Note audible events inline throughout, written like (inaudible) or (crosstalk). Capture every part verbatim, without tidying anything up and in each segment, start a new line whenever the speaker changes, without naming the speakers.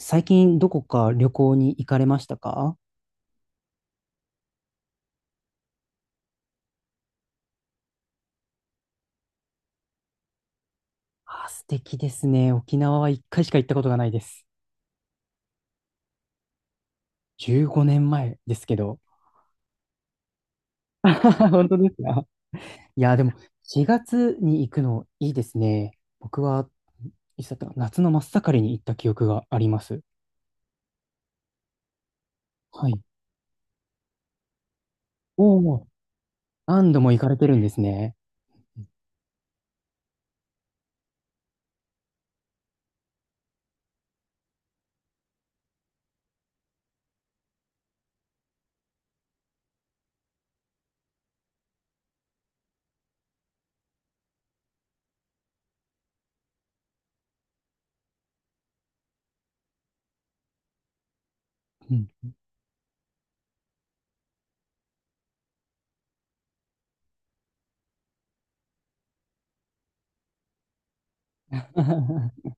最近どこか旅行に行かれましたか？あ、素敵ですね。沖縄は一回しか行ったことがないです。じゅうごねんまえですけど。(laughs) 本当ですか？いや、でもしがつに行くのいいですね。僕は、いつだったかな、夏の真っ盛りに行った記憶があります。はい。おお、何度も行かれてるんですね。うん。(laughs)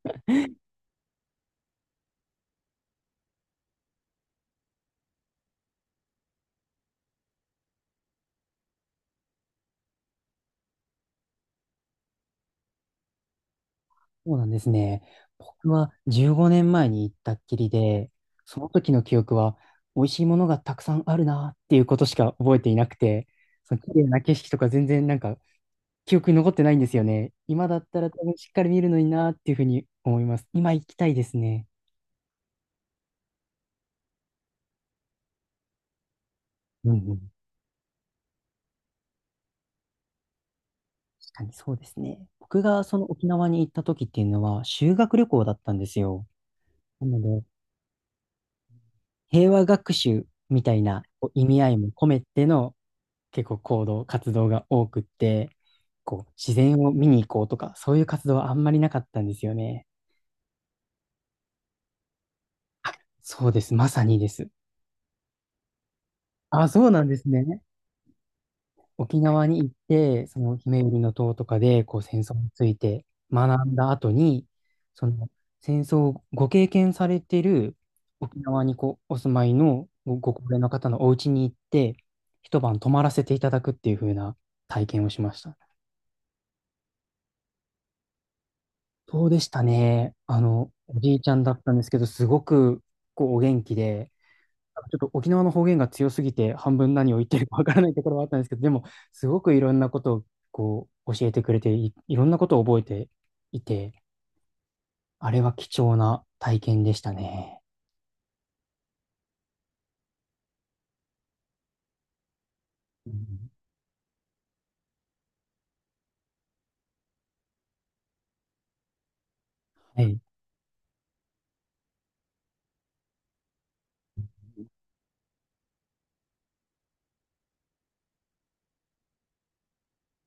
そうなんですね。僕はじゅうごねんまえに行ったっきりで、その時の記憶は、美味しいものがたくさんあるなっていうことしか覚えていなくて、その綺麗な景色とか全然なんか記憶に残ってないんですよね。今だったら多分しっかり見るのになっていうふうに思います。今行きたいですね。うんうん。確かにそうですね。僕がその沖縄に行った時っていうのは修学旅行だったんですよ。なので、平和学習みたいな、こう、意味合いも込めての、結構行動、活動が多くって、こう、自然を見に行こうとか、そういう活動はあんまりなかったんですよね。そうです。まさにです。あ、そうなんですね。沖縄に行って、そのひめゆりの塔とかで、こう、戦争について学んだ後に、その戦争をご経験されてる沖縄にこうお住まいのごご高齢の方のお家に行って、一晩泊まらせていただくっていう風な体験をしました。そうでしたね。あの、おじいちゃんだったんですけど、すごく、こう、お元気で、ちょっと沖縄の方言が強すぎて、半分何を言ってるかわからないところはあったんですけど、でも、すごくいろんなことを、こう、教えてくれてい、いろんなことを覚えていて、あれは貴重な体験でしたね。うん、はい。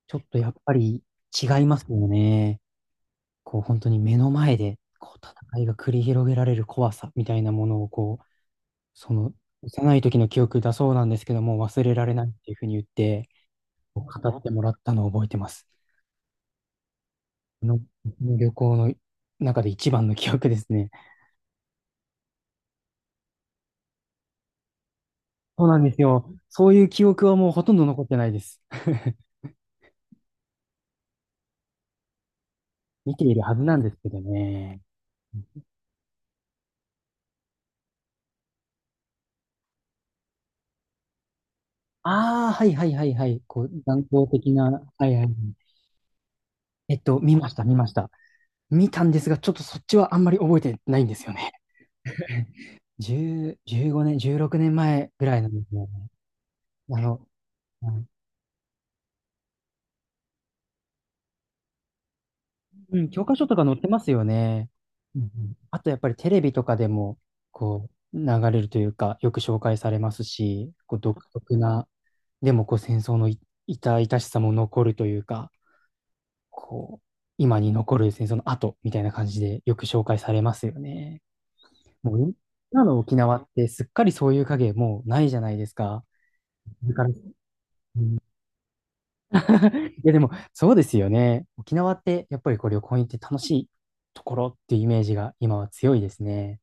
ちょっとやっぱり違いますよね。こう、本当に目の前で、こう、戦いが繰り広げられる怖さみたいなものをこその幼い時の記憶だそうなんですけども、忘れられないっていうふうに言って、語ってもらったのを覚えてます。この旅行の中で一番の記憶ですね。そうなんですよ。そういう記憶はもうほとんど残ってないです。(laughs) 見ているはずなんですけどね。ああ、はいはいはいはい。こう、断交的な、はいはい。えっと、見ました、見ました。見たんですが、ちょっとそっちはあんまり覚えてないんですよね。(laughs) じゅう、じゅうごねん、じゅうろくねんまえぐらいなんですね。あの、うん、教科書とか載ってますよね。うんうん。あとやっぱりテレビとかでも、こう、流れるというか、よく紹介されますし、こう独特な、でもこう戦争のい痛々しさも残るというか、こう、今に残る戦争の後みたいな感じでよく紹介されますよね。もう今の沖縄ってすっかりそういう影もうないじゃないですか。だから。 (laughs) いや、でもそうですよね。沖縄ってやっぱりこう旅行に行って楽しいところっていうイメージが今は強いですね。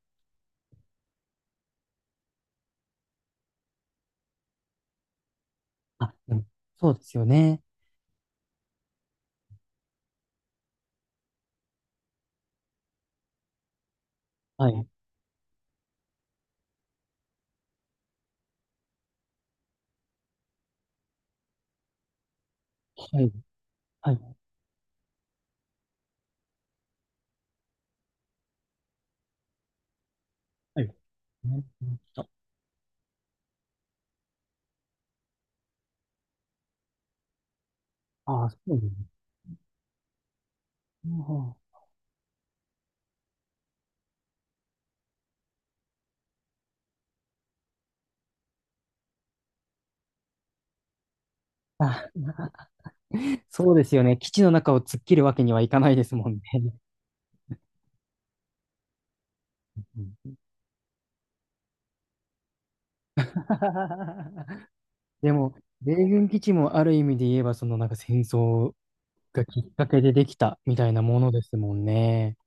あ、でもそうですよね。はい。はい。はい。はい。ね。あ。ああ、そうですね。ああ、あ、そうですよね。基地の中を突っ切るわけにはいかないですもんね。うん。 (laughs) でも、米軍基地もある意味で言えば、そのなんか戦争がきっかけでできたみたいなものですもんね。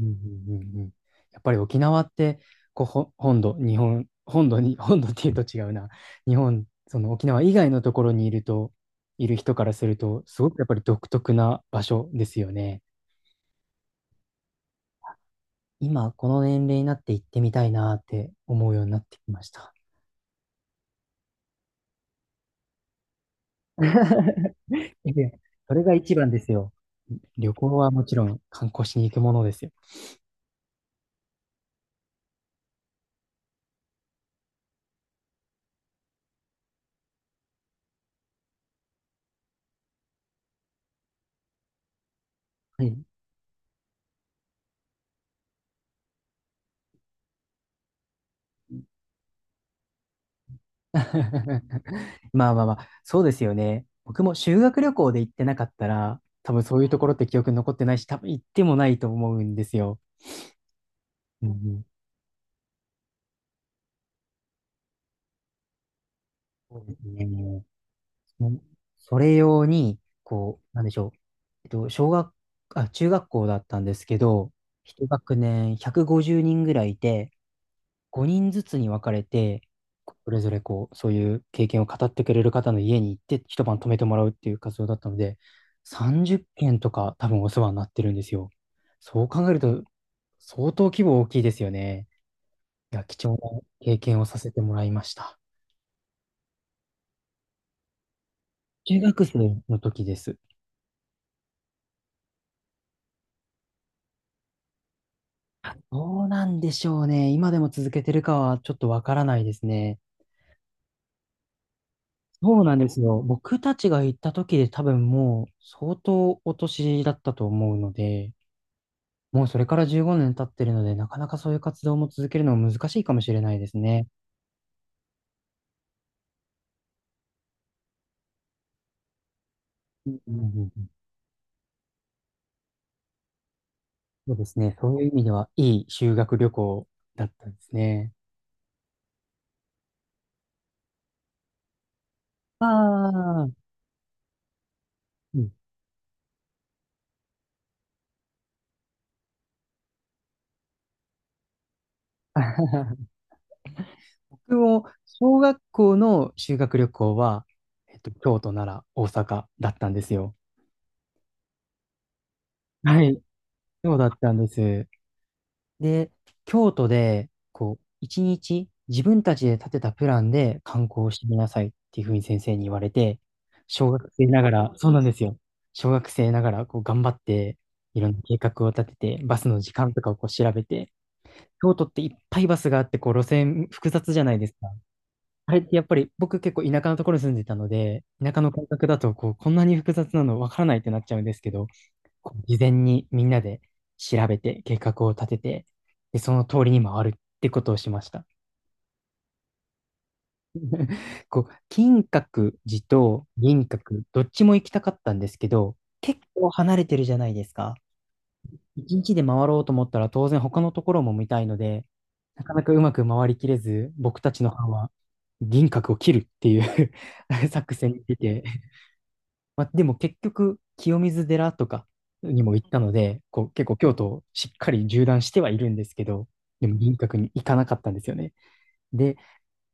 うんうんうんうん。やっぱり沖縄って、こう、ほ本土、日本、本土に、(laughs) 本土っていうと違うな。日本、その沖縄以外のところにいると、いる人からすると、すごくやっぱり独特な場所ですよね。今、この年齢になって行ってみたいなって思うようになってきました。(laughs) いや、それが一番ですよ。旅行はもちろん観光しに行くものですよ。はい。 (laughs) まあまあまあ、そうですよね。僕も修学旅行で行ってなかったら、多分そういうところって記憶に残ってないし、多分行ってもないと思うんですよ。うんうん、そうですね。もうそれ用に、こう、なんでしょう。えっと、小学、あ、中学校だったんですけど、一学年ひゃくごじゅうにんぐらいいて、ごにんずつに分かれて、それぞれこう、そういう経験を語ってくれる方の家に行って一晩泊めてもらうっていう活動だったので、さんじゅっけんとか多分お世話になってるんですよ。そう考えると相当規模大きいですよね。いや、貴重な経験をさせてもらいました。中学生の時です。どうなんでしょうね。今でも続けてるかはちょっとわからないですね。そうなんですよ。僕たちが行った時で多分もう相当お年だったと思うので、もうそれからじゅうごねん経ってるので、なかなかそういう活動も続けるのも難しいかもしれないですね。うんうんうん、そうですね。そういう意味では、いい修学旅行だったんですね。ああ、うん。(laughs) 僕も小学校の修学旅行は、えっと、京都、奈良、大阪だったんですよ。はい。そうだったんです。で、京都で、こう、一日自分たちで立てたプランで観光してみなさいっていうふうに先生に言われて、小学生ながら、そうなんですよ。小学生ながら、こう、頑張って、いろんな計画を立てて、バスの時間とかをこう調べて、京都っていっぱいバスがあって、こう、路線複雑じゃないですか。あれってやっぱり僕結構田舎のところに住んでたので、田舎の感覚だとこう、こんなに複雑なのわからないってなっちゃうんですけど、こう事前にみんなで調べて計画を立てて、で、その通りに回るってことをしました。こう、金閣寺と銀閣、どっちも行きたかったんですけど、結構離れてるじゃないですか。一日で回ろうと思ったら当然他のところも見たいので、なかなかうまく回りきれず、僕たちの班は銀閣を切るっていう (laughs) 作戦に出て、まあ、でも結局、清水寺とかにも行ったので、こう結構京都をしっかり縦断してはいるんですけど、でも輪郭に行かなかったんですよね。で、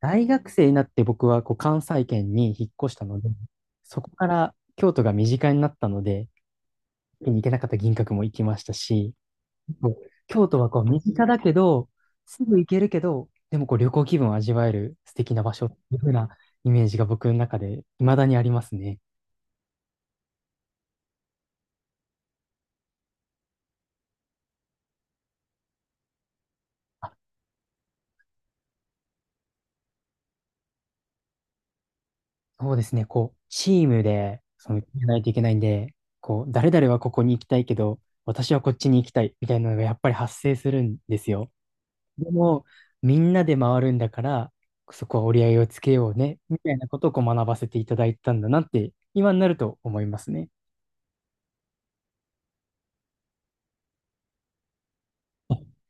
大学生になって僕はこう関西圏に引っ越したので、そこから京都が身近になったので、行けなかった銀閣も行きましたし、こう京都はこう身近だけど、すぐ行けるけど、でもこう旅行気分を味わえる素敵な場所っていう風なイメージが僕の中で未だにありますね。あ、そうですね、こう、チームで、その、決めないといけないんで、こう、誰々はここに行きたいけど、私はこっちに行きたい、みたいなのがやっぱり発生するんですよ。でも、みんなで回るんだから、そこは折り合いをつけようね、みたいなことをこう学ばせていただいたんだなって、今になると思いますね。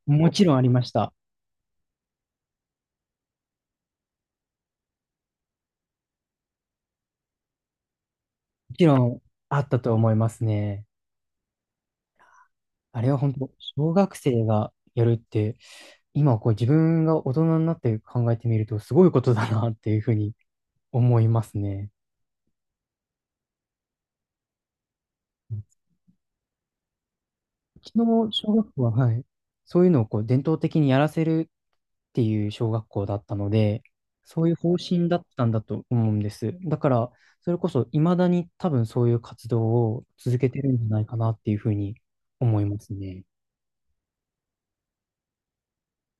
もちろんありました。もちろんあったと思いますね。あれは本当、小学生がやるって、今こう自分が大人になって考えてみると、すごいことだなっていうふうに思いますね。うちの小学校は、はい。そういうのをこう伝統的にやらせるっていう小学校だったので、そういう方針だったんだと思うんです。だから、それこそ未だに多分そういう活動を続けてるんじゃないかなっていうふうに思いますね。